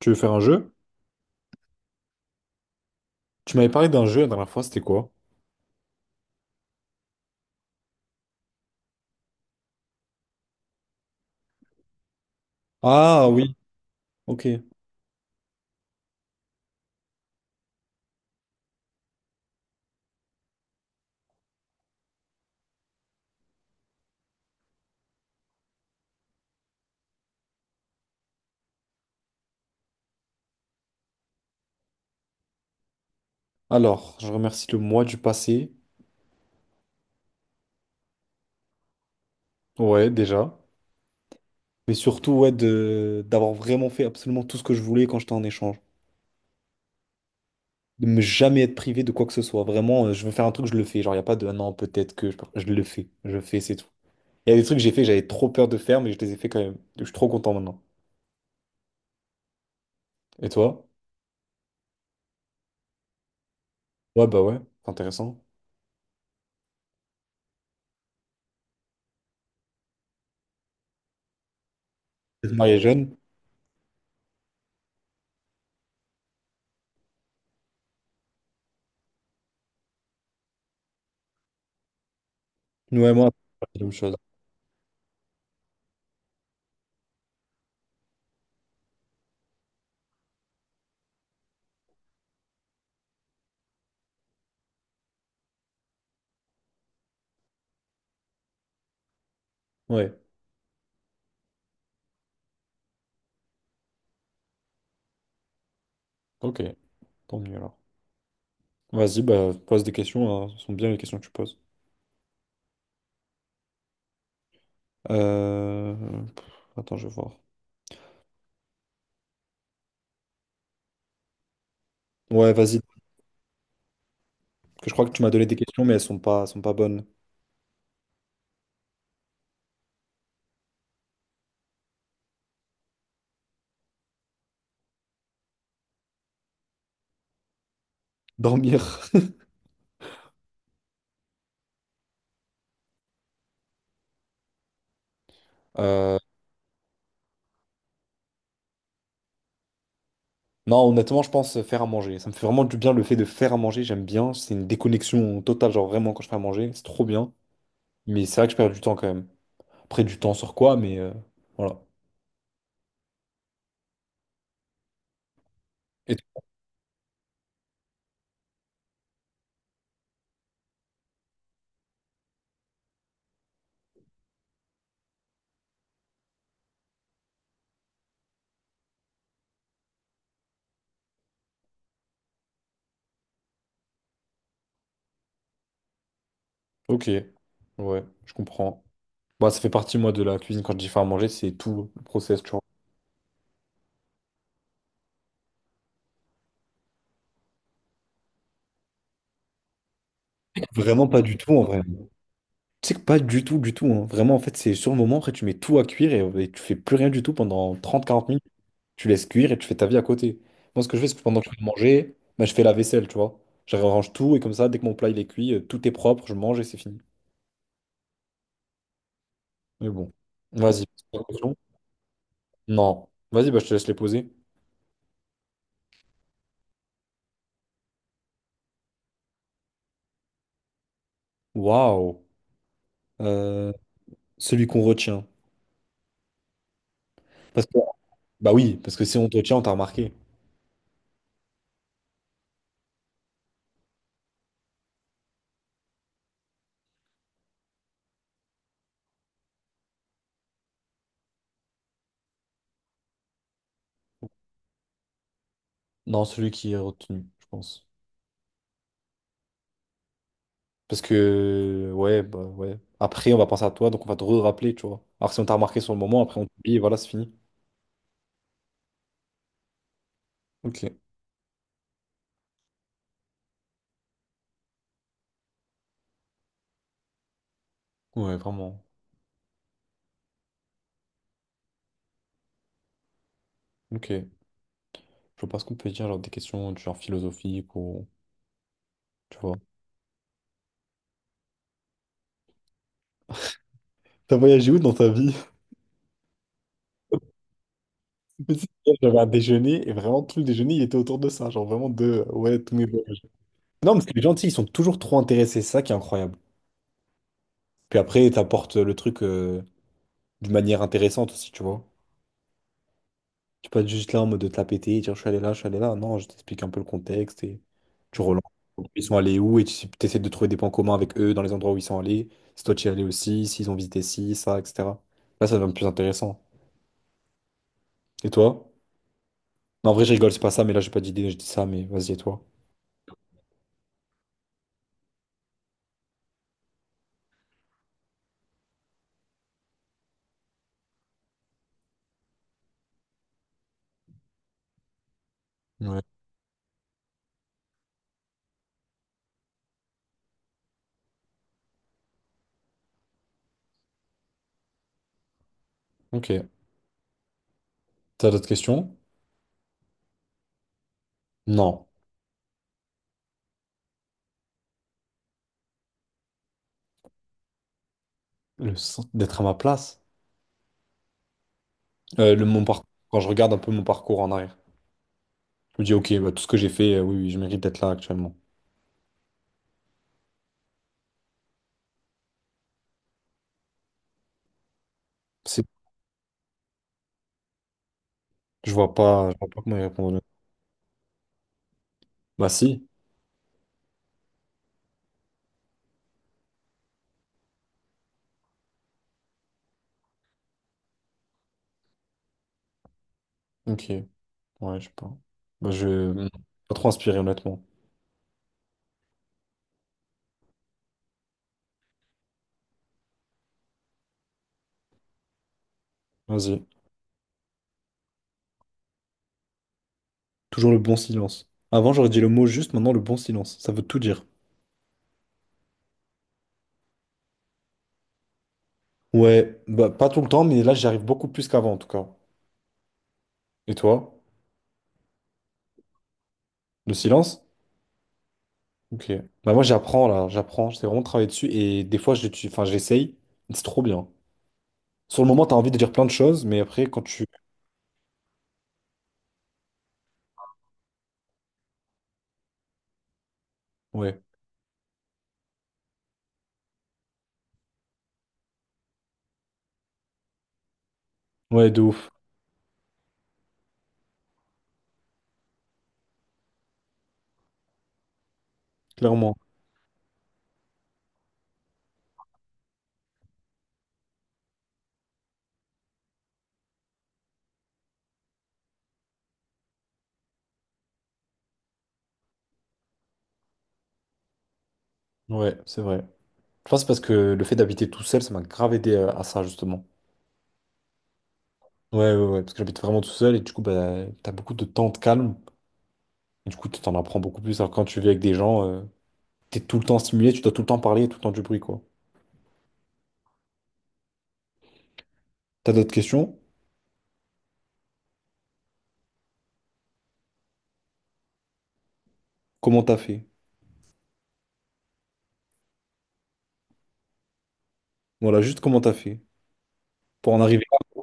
Tu veux faire un jeu? Tu m'avais parlé d'un jeu la dernière fois, c'était quoi? Ah oui, ok. Alors, je remercie le moi du passé. Ouais, déjà. Mais surtout, ouais, de d'avoir vraiment fait absolument tout ce que je voulais quand j'étais en échange. De me jamais être privé de quoi que ce soit. Vraiment, je veux faire un truc, je le fais. Genre, il a pas de Ah non, peut-être que je le fais. Je fais, c'est tout. Il y a des trucs que j'ai fait, j'avais trop peur de faire, mais je les ai fait quand même. Je suis trop content maintenant. Et toi? Ouais, bah ouais, c'est intéressant. Marié jeune? Ouais, moi, c'est la même chose. Ouais, ok, tant mieux alors. Vas-y, bah, pose des questions, hein. Ce sont bien les questions que tu poses. Euh, pff, Attends, je vais voir. Ouais, vas-y. Parce que je crois que tu m'as donné des questions, mais elles sont pas bonnes. Dormir. Euh, Non, honnêtement, je pense faire à manger. Ça me fait vraiment du bien le fait de faire à manger. J'aime bien. C'est une déconnexion totale. Genre, vraiment, quand je fais à manger, c'est trop bien. Mais c'est vrai que je perds du temps quand même. Après, du temps sur quoi, mais voilà. Et... Ok. Ouais, je comprends. Bah, ça fait partie, moi, de la cuisine. Quand je dis faire à manger, c'est tout le process, tu vois. Vraiment pas du tout, en vrai. Tu sais que pas du tout, du tout, hein. Vraiment, en fait, c'est sur le moment, après, tu mets tout à cuire et tu fais plus rien du tout pendant trente quarante minutes. Tu laisses cuire et tu fais ta vie à côté. Moi, ce que je fais, c'est que pendant que je vais manger, bah, je fais la vaisselle, tu vois. Je range tout et comme ça, dès que mon plat il est cuit, tout est propre, je mange et c'est fini. Mais bon, vas-y. Non. Vas-y, bah, je te laisse les poser. Waouh. Euh, celui qu'on retient. Parce que, bah oui, parce que si on te retient, on t'a remarqué. Non, celui qui est retenu, je pense. Parce que, ouais, bah ouais. Après, on va penser à toi, donc on va te rappeler, tu vois. Alors que si on t'a remarqué sur le moment, après on t'oublie et voilà, c'est fini. Ok, ouais, vraiment. Ok. Je vois pas ce qu'on peut dire, genre des questions du genre philosophique ou. Tu vois. T'as voyagé où dans ta vie? Mais c'est bien, j'avais un déjeuner et vraiment tout le déjeuner il était autour de ça, genre vraiment de ouais, tous mes voyages. Non, parce que les gens, tu sais, ils sont toujours trop intéressés, c'est ça qui est incroyable. Puis après, t'apportes le truc d'une manière intéressante aussi, tu vois. Tu peux pas être juste là en mode de te la péter et dire je suis allé là, je suis allé là. Non, je t'explique un peu le contexte et tu relances. Ils sont allés où et tu essaies de trouver des points communs avec eux dans les endroits où ils sont allés. Si toi tu y es allé aussi, s'ils ont visité ci, ça, etc. Là, ça devient plus intéressant. Et toi? Non, en vrai, je rigole, c'est pas ça, mais là, j'ai pas d'idée, je dis ça, mais vas-y, et toi? Ouais. Ok. T'as d'autres questions? Non. Le sens d'être à ma place. Le, mon parcours, quand je regarde un peu mon parcours en arrière, je me dis, ok, bah, tout ce que j'ai fait, oui, oui, je mérite d'être là actuellement. C'est- je vois pas comment y répondre. Bah si. Ok, ouais, je sais pas. Moi, je... Pas trop inspiré, honnêtement. Vas-y. Toujours le bon silence. Avant, j'aurais dit le mot juste, maintenant, le bon silence. Ça veut tout dire. Ouais, bah, pas tout le temps, mais là, j'y arrive beaucoup plus qu'avant, en tout cas. Et toi? Le silence? Ok. Bah, moi, j'apprends, là. J'apprends. J'essaie vraiment de travailler dessus. Et des fois, je l'utilise- enfin, j'essaye. C'est trop bien. Sur le moment, t'as envie de dire plein de choses, mais après, quand tu... Ouais. Ouais, de ouf. Clairement. Ouais, c'est vrai. Je pense parce que le fait d'habiter tout seul, ça m'a grave aidé à ça, justement. Ouais, ouais, ouais, parce que j'habite vraiment tout seul et du coup, bah, t'as beaucoup de temps de calme. Et du coup, tu t'en apprends beaucoup plus. Alors, quand tu vis avec des gens, t'es tout le temps stimulé, tu dois tout le temps parler, tout le temps du bruit, quoi. T'as d'autres questions? Comment t'as fait? Voilà, juste comment t'as fait pour en arriver là.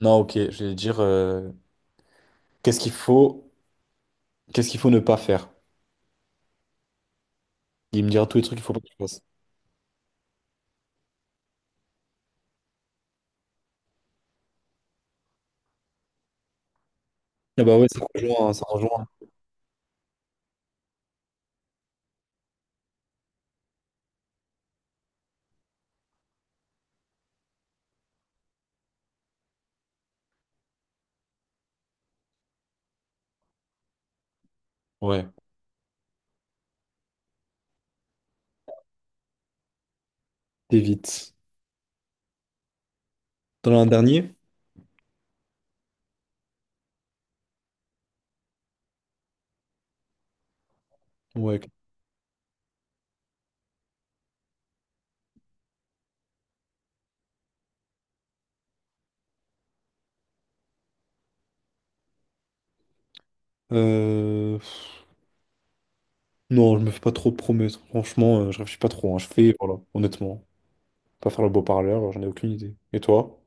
Non, ok, je vais dire qu'est-ce qu'il faut, qu'est-ce qu'il faut ne pas faire. Il me dira tous les trucs qu'il faut pas que tu fasses. Ah bah ouais, ça rejoint, hein, ça rejoint. Ouais, t'évites. T'en as un dernier? Ouais. Euh, pff, Non, je me fais pas trop de promesses. Franchement, je réfléchis pas trop, hein. Je fais, voilà, honnêtement. Pas faire le beau parleur, j'en ai aucune idée. Et toi?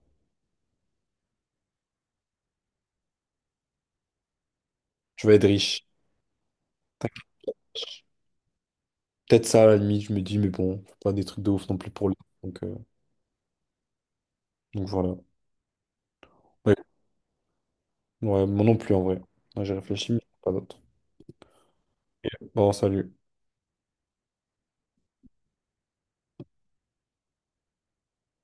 Je vais être riche. Tac. Peut-être ça, à la limite, je me dis, mais bon, faut pas des trucs de ouf non plus pour lui. Donc, euh, donc voilà. Ouais. Ouais, moi non plus, en vrai. Ouais, j'ai réfléchi, mais pas d'autre. Bon, salut.